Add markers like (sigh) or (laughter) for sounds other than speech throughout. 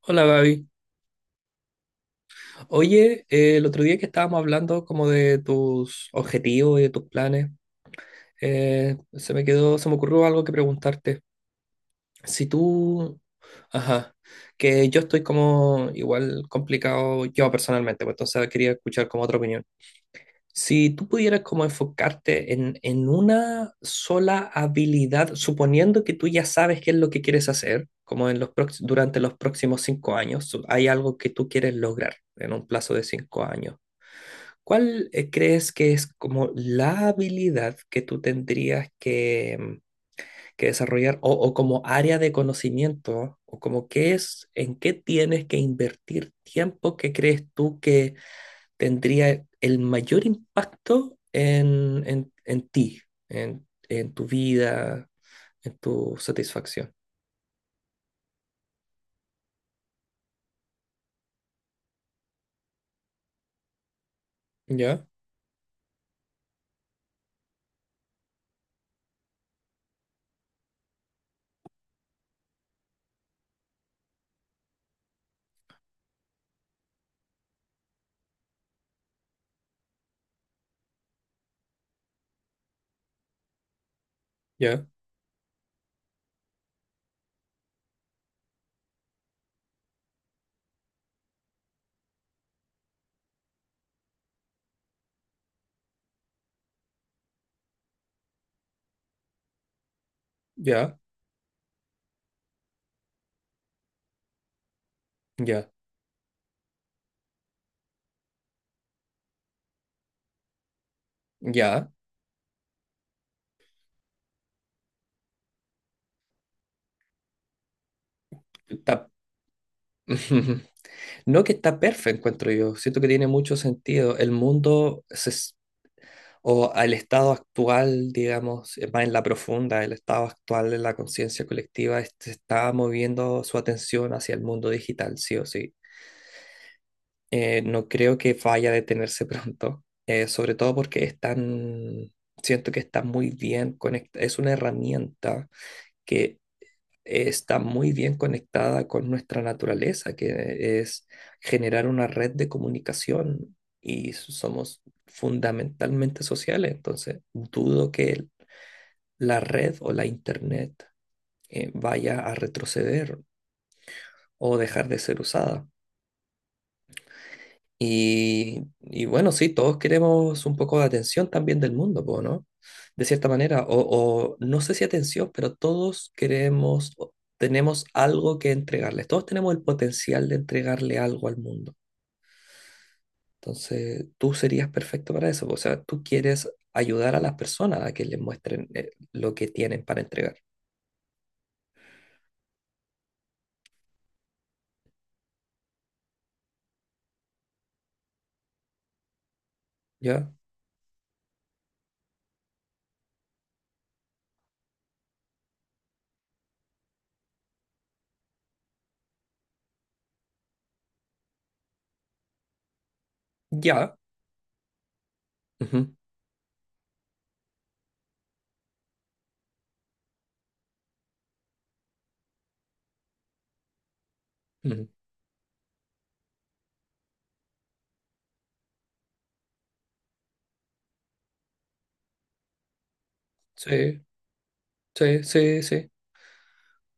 Hola Gaby. Oye, el otro día que estábamos hablando como de tus objetivos y de tus planes, se me ocurrió algo que preguntarte. Si tú, ajá, que yo estoy como igual complicado yo personalmente, pues entonces quería escuchar como otra opinión. Si tú pudieras como enfocarte en una sola habilidad, suponiendo que tú ya sabes qué es lo que quieres hacer, como en los durante los próximos cinco años, hay algo que tú quieres lograr en un plazo de cinco años. ¿Cuál crees que es como la habilidad que tú tendrías que, que desarrollar o como área de conocimiento o como qué es, en qué tienes que invertir tiempo que crees tú que tendría el mayor impacto en ti, en tu vida, en tu satisfacción. Ya, ya, ya, ya, ya. Está- (laughs) No, que está perfecto, encuentro yo. Siento que tiene mucho sentido. El mundo se s- O al estado actual, digamos, más en la profunda, el estado actual de la conciencia colectiva es- se está moviendo su atención hacia el mundo digital, sí o sí. No creo que vaya a detenerse (laughs) pronto, sobre todo porque están, siento que está muy bien conectada, es una herramienta que está muy bien conectada con nuestra naturaleza, que es generar una red de comunicación y somos fundamentalmente sociales, entonces dudo que la red o la internet vaya a retroceder o dejar de ser usada. Y bueno, sí, todos queremos un poco de atención también del mundo, po, ¿no? De cierta manera, o no sé si atención, pero todos queremos, o tenemos algo que entregarles, todos tenemos el potencial de entregarle algo al mundo. Entonces, tú serías perfecto para eso, po, o sea, tú quieres ayudar a las personas a que les muestren lo que tienen para entregar, ¿ya? Ya. Ujú, ujú. Sí, sí, sí, sí.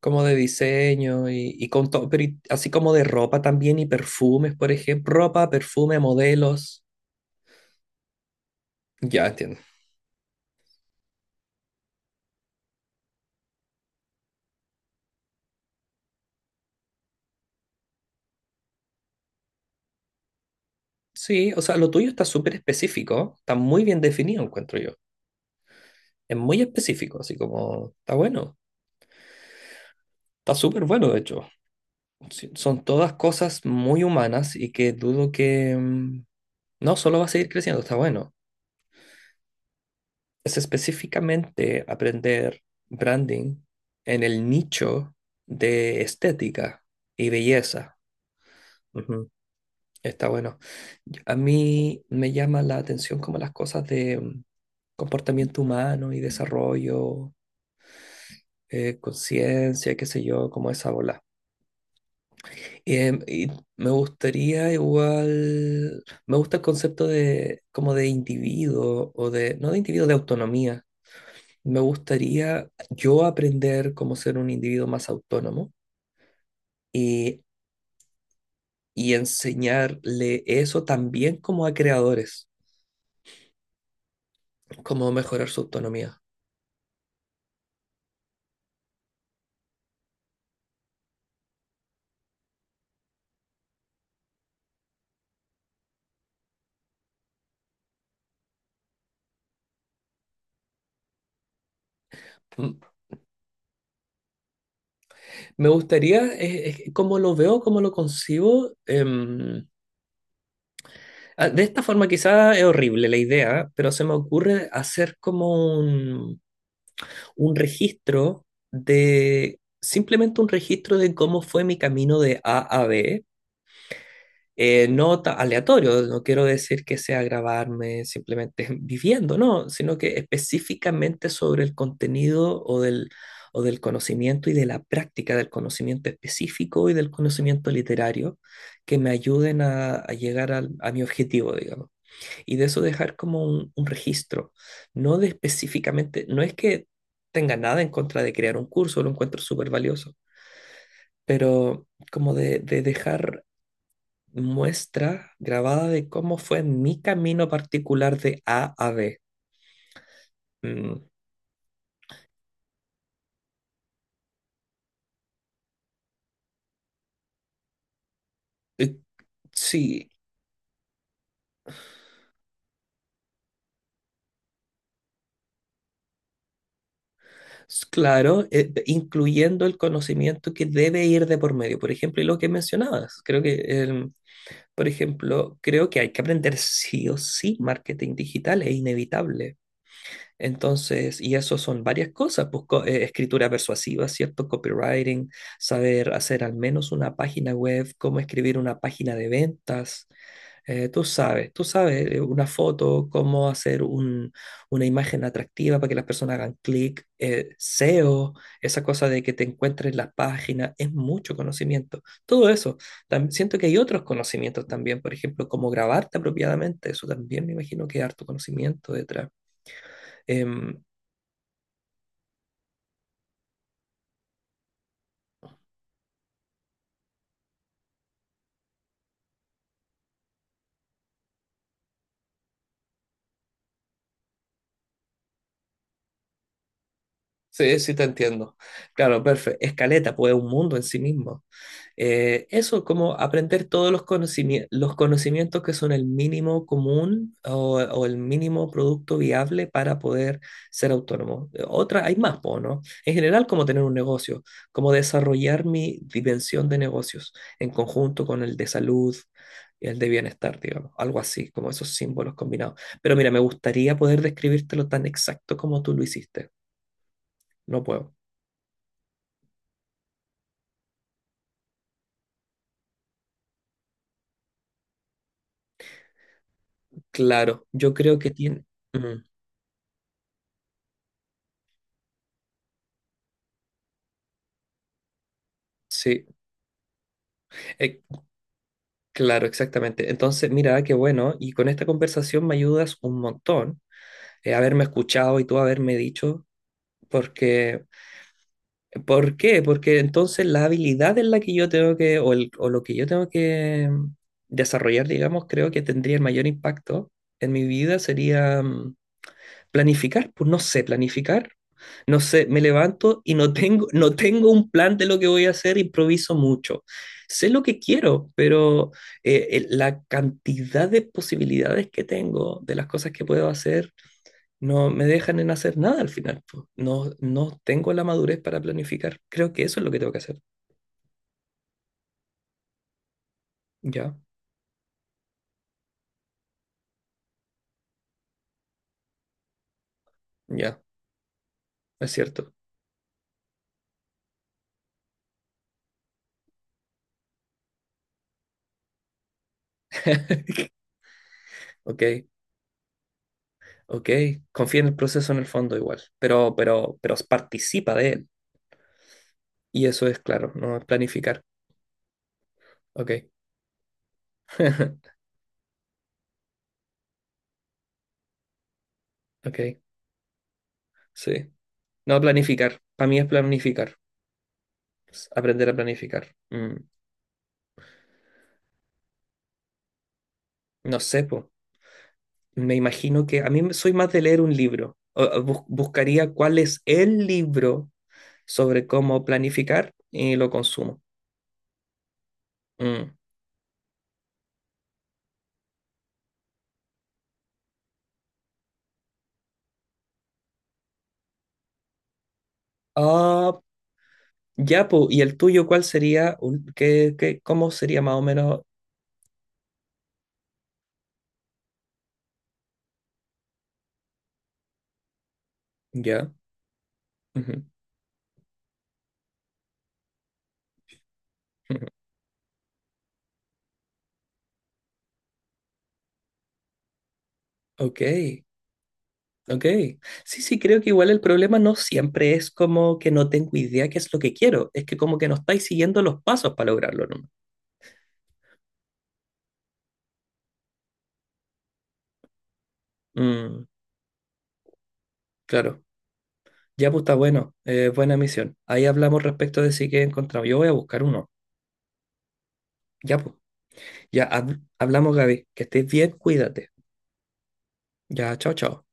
Como de diseño y con todo, pero así como de ropa también y perfumes, por ejemplo, ropa, perfume, modelos. Ya entiendo. Sí, o sea, lo tuyo está súper específico, está muy bien definido, encuentro yo. Es muy específico, así como está bueno, está súper bueno, de hecho. Sí, son todas cosas muy humanas y que dudo que no, solo va a seguir creciendo, está bueno. Es específicamente aprender branding en el nicho de estética y belleza. Ujú, está bueno. A mí me llama la atención como las cosas de comportamiento humano y desarrollo, conciencia, qué sé yo, como esa bola. Y me gustaría igual, me gusta el concepto de como de individuo o de, no de individuo, de autonomía. Me gustaría yo aprender cómo ser un individuo más autónomo y, y enseñarle eso también como a creadores, cómo mejorar su autonomía. Mm. Me gustaría, es como lo veo, como lo concibo. De esta forma quizá es horrible la idea, pero se me ocurre hacer como un registro de, simplemente un registro de cómo fue mi camino de A a B. Aleatorio, no quiero decir que sea grabarme simplemente (laughs) viviendo, no, sino que específicamente sobre el contenido o del conocimiento y de la práctica del conocimiento específico y del conocimiento literario que me ayuden a llegar a mi objetivo, digamos. Y de eso dejar como un registro, no de específicamente, no es que tenga nada en contra de crear un curso, lo encuentro súper valioso, pero como de dejar muestra grabada de cómo fue mi camino particular de A a B. Mm, eh, Sí, claro, incluyendo el conocimiento que debe ir de por medio. Por ejemplo, y lo que mencionabas, creo que, por ejemplo, creo que hay que aprender sí o sí marketing digital, es inevitable. Entonces, y eso son varias cosas, escritura persuasiva, ¿cierto? Copywriting, saber hacer al menos una página web, cómo escribir una página de ventas. Tú sabes, tú sabes, una foto, cómo hacer una imagen atractiva para que las personas hagan clic, SEO, esa cosa de que te encuentres las páginas, es mucho conocimiento. Todo eso. Siento que hay otros conocimientos también, por ejemplo, cómo grabarte apropiadamente, eso también me imagino que hay harto conocimiento detrás. Em, sí, sí te entiendo. Claro, perfecto. Escaleta, pues es un mundo en sí mismo. Eso, como aprender todos los los conocimientos que son el mínimo común o el mínimo producto viable para poder ser autónomo. Otra, hay más, po, ¿no? En general, como tener un negocio, como desarrollar mi dimensión de negocios en conjunto con el de salud y el de bienestar, digamos, algo así, como esos símbolos combinados. Pero mira, me gustaría poder describírtelo tan exacto como tú lo hiciste. No puedo. Claro, yo creo que tiene... Mm, sí. Eh, Claro, exactamente. Entonces, mira, qué bueno. Y con esta conversación me ayudas un montón. Haberme escuchado y tú haberme dicho, porque, ¿por qué? Porque entonces la habilidad en la que yo tengo que, o, o lo que yo tengo que desarrollar, digamos, creo que tendría el mayor impacto en mi vida sería planificar, pues no sé planificar. No sé, me levanto y no tengo un plan de lo que voy a hacer, improviso mucho. Sé lo que quiero, pero la cantidad de posibilidades que tengo, de las cosas que puedo hacer, no me dejan en hacer nada al final, pues. No, no tengo la madurez para planificar. Creo que eso es lo que tengo que hacer. Ya, ya, es cierto. (laughs) Ok, ok. Confía en el proceso en el fondo igual, pero participa de él. Y eso es claro, no es planificar. Ok, (laughs) ok, sí. No, planificar. Para mí es planificar. Es aprender a planificar. No sé, po. Me imagino que a soy más de leer un libro. Buscaría cuál es el libro sobre cómo planificar y lo consumo. Mm. Ah, ya, po. ¿Y el tuyo cuál sería? ¿Qué, cómo sería más o menos? Ya. Ujú, (laughs) ujú. Ok. Ok, sí, sí, creo que igual el problema no siempre es como que no tengo idea qué es lo que quiero, es que como que no estáis siguiendo los pasos para lograrlo, ¿no? Mm, claro, ya pues está bueno, buena misión. Ahí hablamos respecto de si que he encontrado. Yo voy a buscar uno. Ya pues, ya hablamos, Gaby, que estés bien, cuídate. Ya, chao, chao.